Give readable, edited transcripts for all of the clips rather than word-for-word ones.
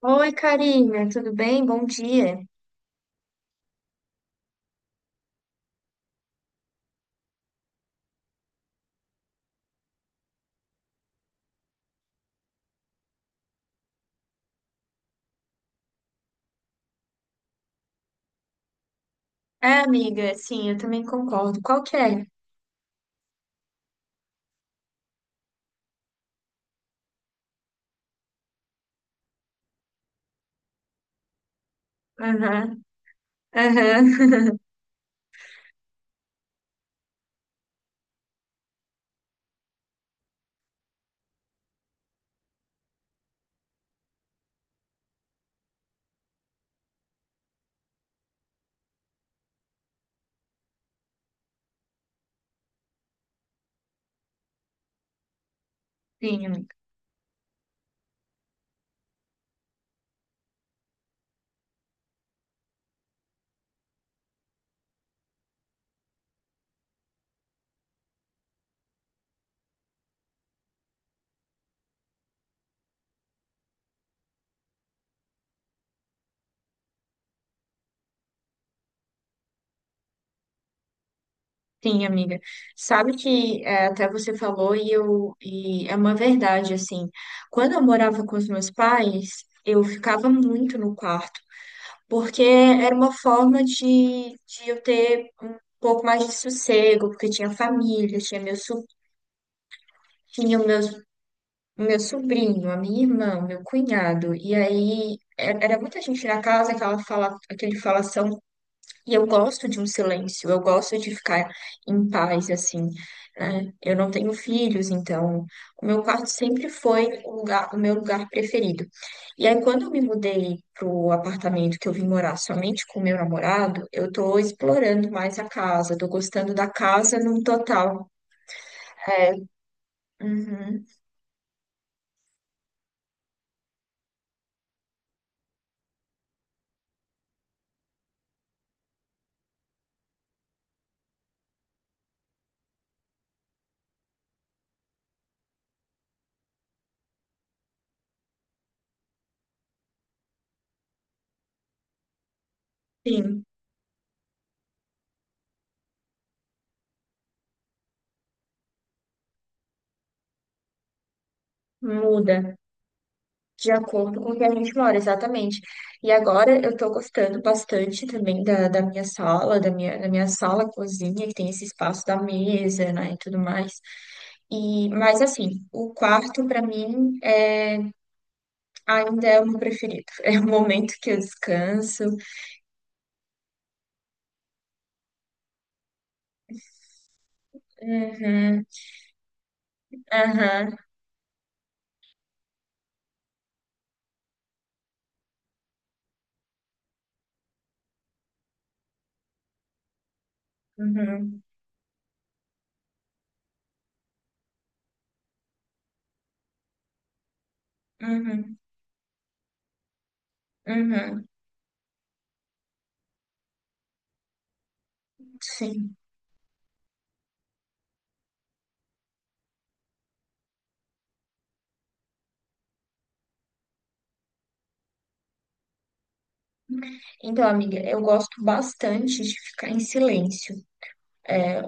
Oi, Karina, tudo bem? Bom dia. É, amiga, sim, eu também concordo. Qual que é? Aham, aham. Sim, amiga. Sim, amiga. Sabe que é, até você falou e é uma verdade, assim. Quando eu morava com os meus pais, eu ficava muito no quarto, porque era uma forma de eu ter um pouco mais de sossego, porque tinha família, tinha meus, so- tinha meus o meu sobrinho, a minha irmã, o meu cunhado. E aí era muita gente na casa, aquela fala, aquele falação. E eu gosto de um silêncio, eu gosto de ficar em paz, assim, né? Eu não tenho filhos, então o meu quarto sempre foi o meu lugar preferido. E aí quando eu me mudei pro apartamento que eu vim morar somente com o meu namorado, eu tô explorando mais a casa, tô gostando da casa num total. É, uhum, sim, muda. De acordo com o que a gente mora, exatamente. E agora eu tô gostando bastante também da minha sala, da minha sala cozinha, que tem esse espaço da mesa, né, e tudo mais. E, mas assim, o quarto para mim ainda é o meu preferido. É o momento que eu descanso. Uhum, aham, uhum, uhum, uhum. Sim. Então, amiga, eu gosto bastante de ficar em silêncio.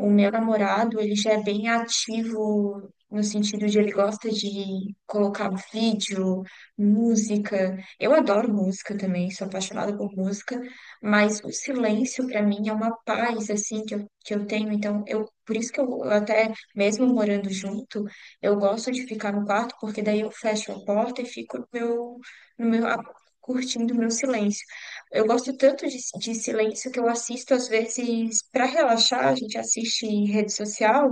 O meu namorado, ele já é bem ativo no sentido de ele gosta de colocar um vídeo, música. Eu adoro música também, sou apaixonada por música, mas o silêncio para mim é uma paz assim que eu tenho, então eu por isso que eu até mesmo morando junto, eu gosto de ficar no quarto porque daí eu fecho a porta e fico no meu, no meu a- curtindo o meu silêncio. Eu gosto tanto de silêncio que eu assisto, às vezes, para relaxar, a gente assiste em rede social.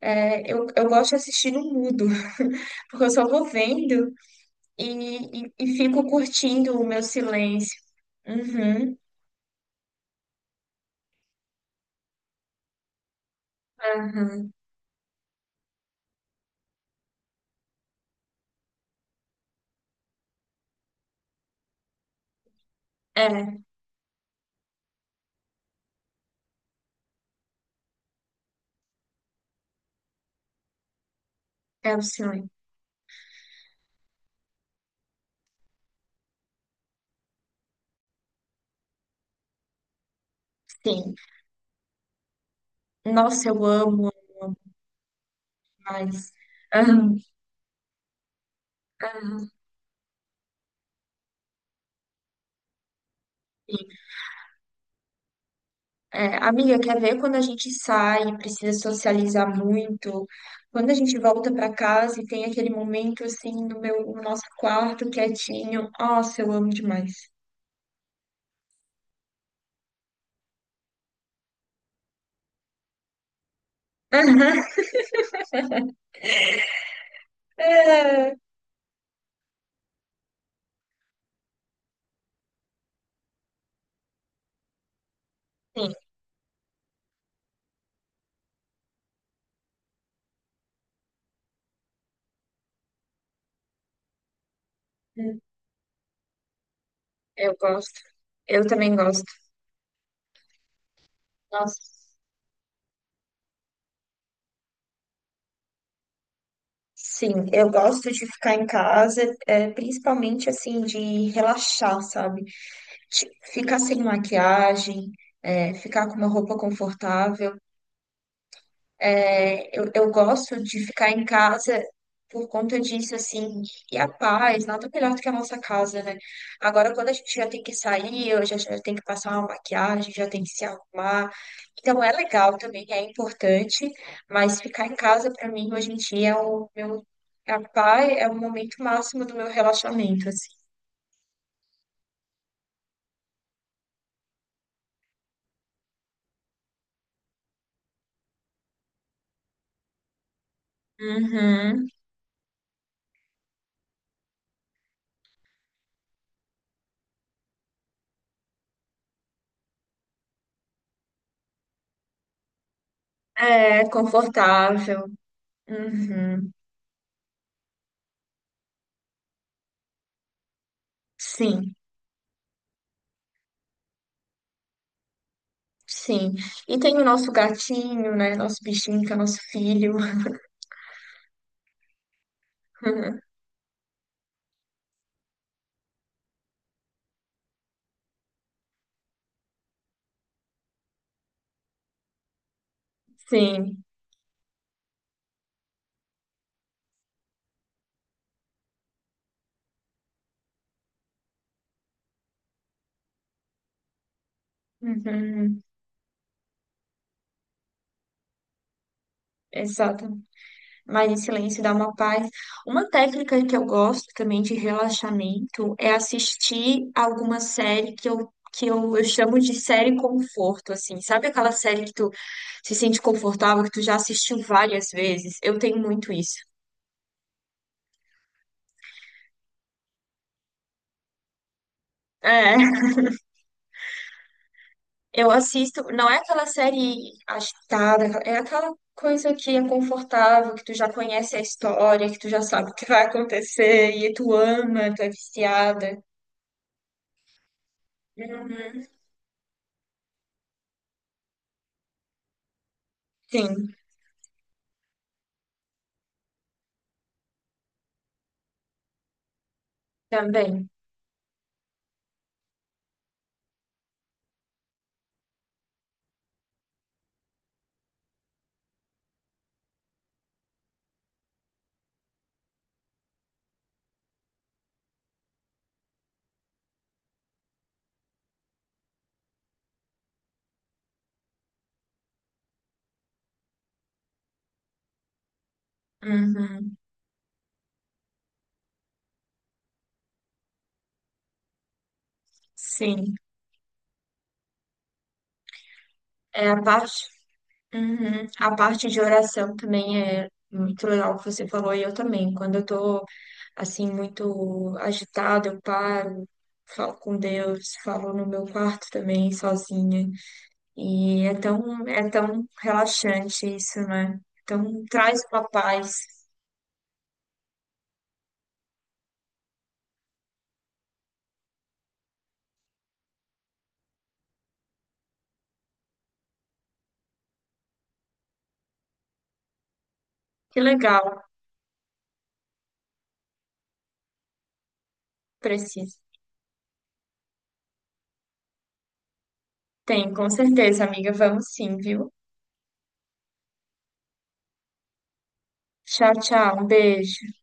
Eu gosto de assistir no mudo, porque eu só vou vendo e fico curtindo o meu silêncio. Uhum, aham. É, é o silêncio. Sim. Nossa, eu amo mais. Aham, aham. É, amiga, quer ver quando a gente sai, e precisa socializar muito? Quando a gente volta para casa e tem aquele momento assim no meu, no nosso quarto quietinho. Nossa, eu amo demais. É, sim, eu gosto. Eu também gosto. Nossa. Sim, eu gosto de ficar em casa, principalmente assim, de relaxar, sabe? De ficar sem maquiagem, ficar com uma roupa confortável. Eu gosto de ficar em casa por conta disso, assim. E a paz, nada melhor do que a nossa casa, né? Agora, quando a gente já tem que sair, eu já, já tem que passar uma maquiagem, já tem que se arrumar. Então, é legal também, é importante, mas ficar em casa, pra mim, hoje em dia, é o meu. A paz é o momento máximo do meu relaxamento, assim. Uhum. É confortável. Uhum. Sim. Sim. E tem o nosso gatinho, né? Nosso bichinho, que é nosso filho. Sim. Uhum. Exato. Mas em silêncio dá uma paz. Uma técnica que eu gosto também de relaxamento é assistir alguma série que eu chamo de série conforto, assim. Sabe aquela série que tu se sente confortável, que tu já assistiu várias vezes? Eu tenho muito isso. É. Eu assisto, não é aquela série agitada, é aquela coisa que é confortável, que tu já conhece a história, que tu já sabe o que vai acontecer, e tu ama, tu é viciada. Uhum. Sim, também. Uhum. Sim. É a parte, uhum. A parte de oração também é muito legal que você falou, e eu também. Quando eu tô, assim, muito agitada, eu paro, falo com Deus, falo no meu quarto também, sozinha. E é tão relaxante isso, né? Então traz uma paz. Que legal, preciso. Tem, com certeza, amiga. Vamos sim, viu? Tchau, tchau. Um beijo.